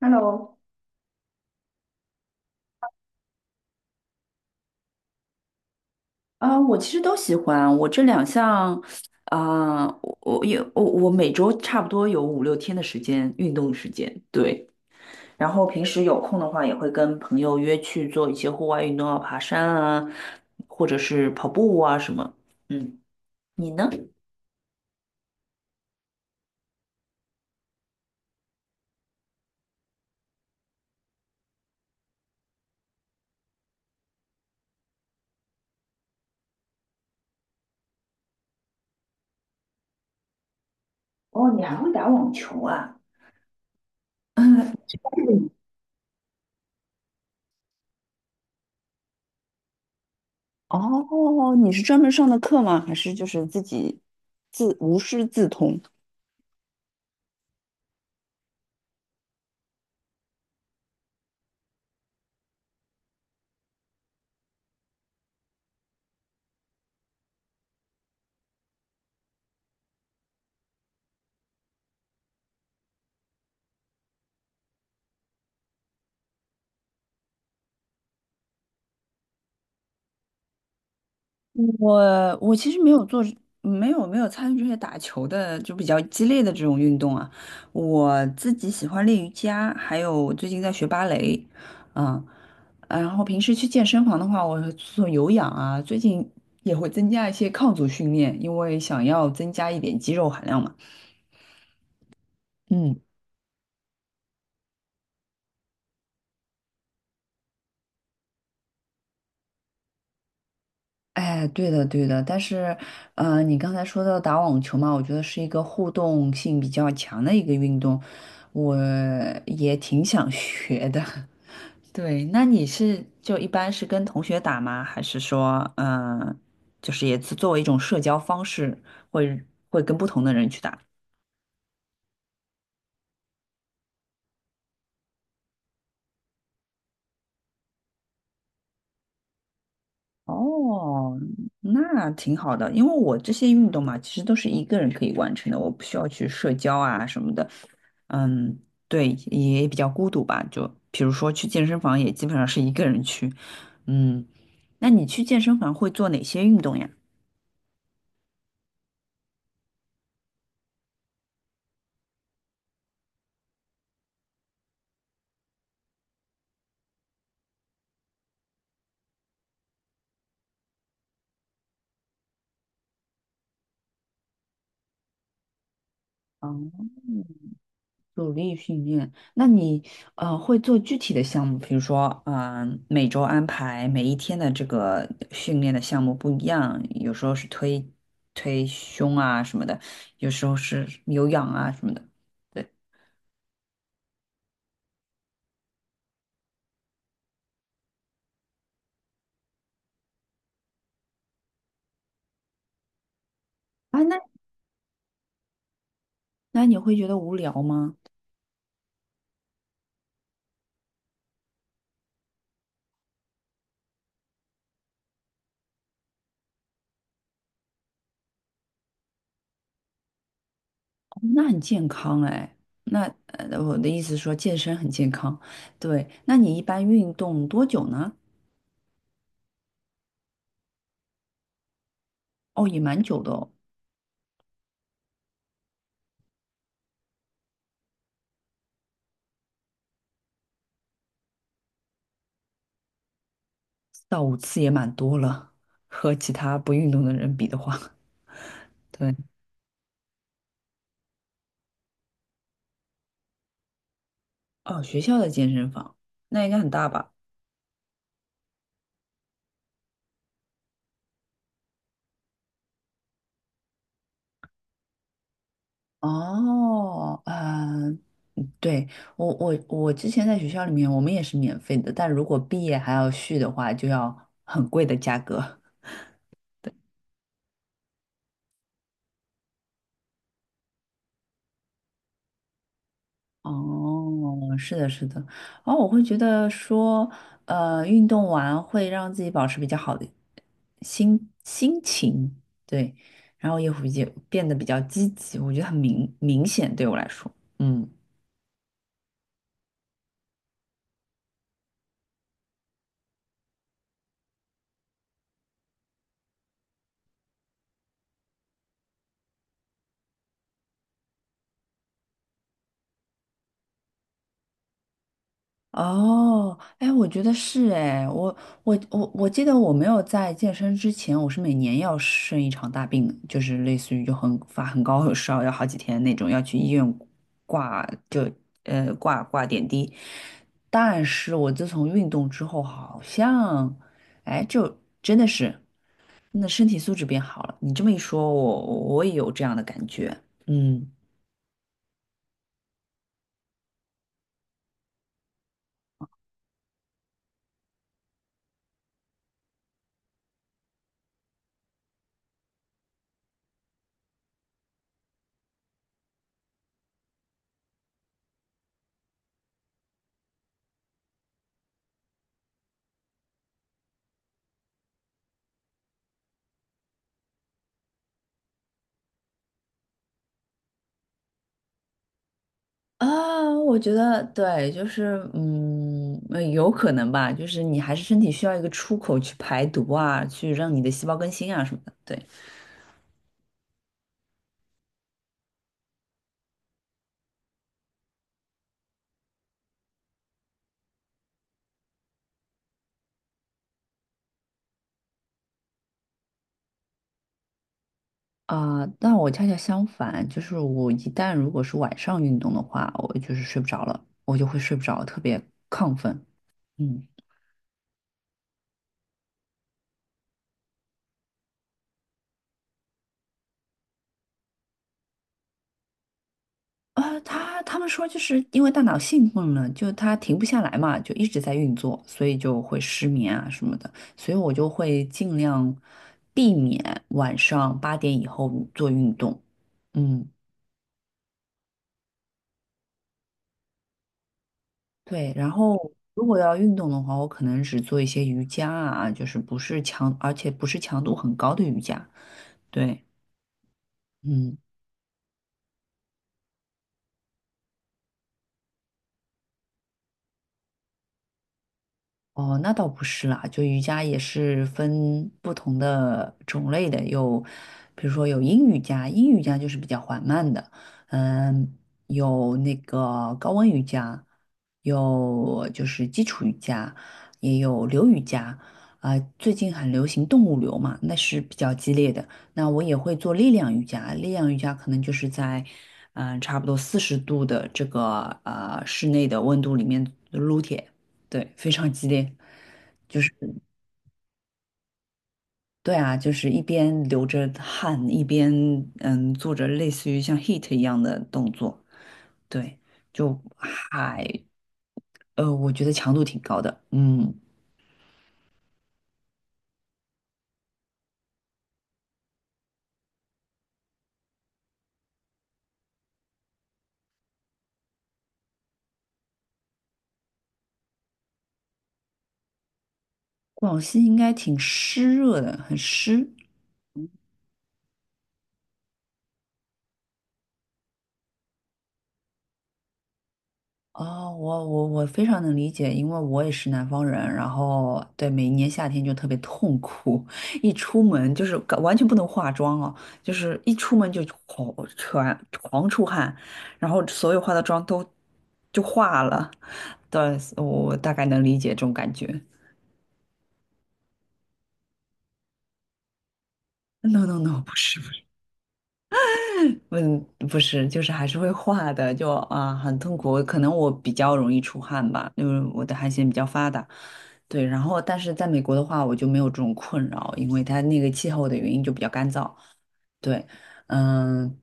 Hello。我其实都喜欢。我这两项。我也我每周差不多有五六天的时间运动时间，对。然后平时有空的话，也会跟朋友约去做一些户外运动啊，爬山啊，或者是跑步啊什么。嗯，你呢？哦，你还会打网球啊？哦，你是专门上的课吗？还是就是自己自无师自通？我其实没有做，没有没有参与这些打球的，就比较激烈的这种运动啊。我自己喜欢练瑜伽，还有最近在学芭蕾。嗯。然后平时去健身房的话，我会做有氧啊，最近也会增加一些抗阻训练，因为想要增加一点肌肉含量嘛。嗯。哎，对的，对的，但是，你刚才说到打网球嘛，我觉得是一个互动性比较强的一个运动，我也挺想学的。对，那你是就一般是跟同学打吗？还是说，就是也是作为一种社交方式，会会跟不同的人去打？哦，那挺好的，因为我这些运动嘛，其实都是一个人可以完成的，我不需要去社交啊什么的。嗯。对，也比较孤独吧。就比如说去健身房，也基本上是一个人去。嗯。那你去健身房会做哪些运动呀？嗯。努力训练，那你会做具体的项目，比如说每周安排每一天的这个训练的项目不一样，有时候是推胸啊什么的，有时候是有氧啊什么的。对啊，那你会觉得无聊吗？哦，那很健康哎。那呃，我的意思是说健身很健康，对。那你一般运动多久呢？哦，也蛮久的哦。4到5次也蛮多了，和其他不运动的人比的话，对。哦，学校的健身房，那应该很大吧？哦，嗯、对，我之前在学校里面，我们也是免费的，但如果毕业还要续的话，就要很贵的价格。哦，是的，是的。然后我会觉得说，呃，运动完会让自己保持比较好的心情，对，然后也会变得比较积极，我觉得很明显对我来说。嗯。哦，哎，我觉得是哎，我记得我没有在健身之前，我是每年要生一场大病的，就是类似于就很发很高的烧，要好几天那种，要去医院挂就挂点滴。但是我自从运动之后，好像哎，就真的是那身体素质变好了。你这么一说，我我也有这样的感觉。嗯。啊，我觉得对，就是嗯，有可能吧，就是你还是身体需要一个出口去排毒啊，去让你的细胞更新啊什么的。对啊，但我恰恰相反，就是我一旦如果是晚上运动的话，我就是睡不着了，我就会睡不着，特别亢奋。嗯。他们说就是因为大脑兴奋了，就它停不下来嘛，就一直在运作，所以就会失眠啊什么的。所以我就会尽量避免晚上8点以后做运动。嗯，对。然后如果要运动的话，我可能只做一些瑜伽啊，就是不是强，而且不是强度很高的瑜伽。对。嗯。哦，那倒不是啦，就瑜伽也是分不同的种类的，有，比如说有阴瑜伽，阴瑜伽就是比较缓慢的，嗯，有那个高温瑜伽，有就是基础瑜伽，也有流瑜伽，啊、最近很流行动物流嘛，那是比较激烈的。那我也会做力量瑜伽，力量瑜伽可能就是在，差不多40度的这个室内的温度里面撸铁。对，非常激烈，就是对啊，就是一边流着汗，一边做着类似于像 HIAT 一样的动作，对，就还我觉得强度挺高的。嗯。广西应该挺湿热的，很湿。哦，我我我非常能理解，因为我也是南方人，然后对每一年夏天就特别痛苦，一出门就是搞完全不能化妆哦，就是一出门就狂全狂出汗，然后所有化的妆都就化了。对，我我大概能理解这种感觉。No no no,不是。嗯，不是，就是还是会化的，就啊很痛苦。可能我比较容易出汗吧，因为我的汗腺比较发达。对，然后但是在美国的话，我就没有这种困扰，因为它那个气候的原因就比较干燥。对。嗯。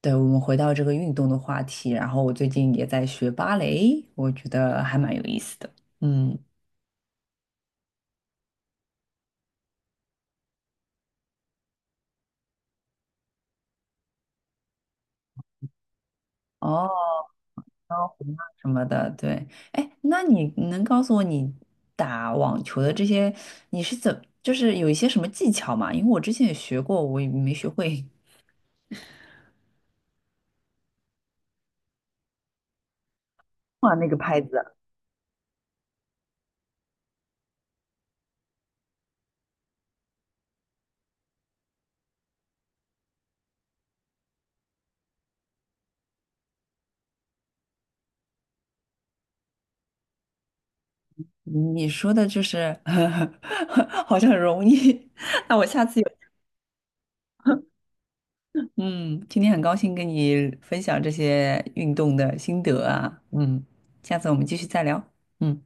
对，我们回到这个运动的话题，然后我最近也在学芭蕾，我觉得还蛮有意思的。嗯。哦，高洪啊什么的，对。哎，那你能告诉我你打网球的这些，你是怎，就是有一些什么技巧吗？因为我之前也学过，我也没学会 画那个拍子。你说的就是 好像很容易，那我下次有。嗯，今天很高兴跟你分享这些运动的心得啊，嗯，下次我们继续再聊。嗯。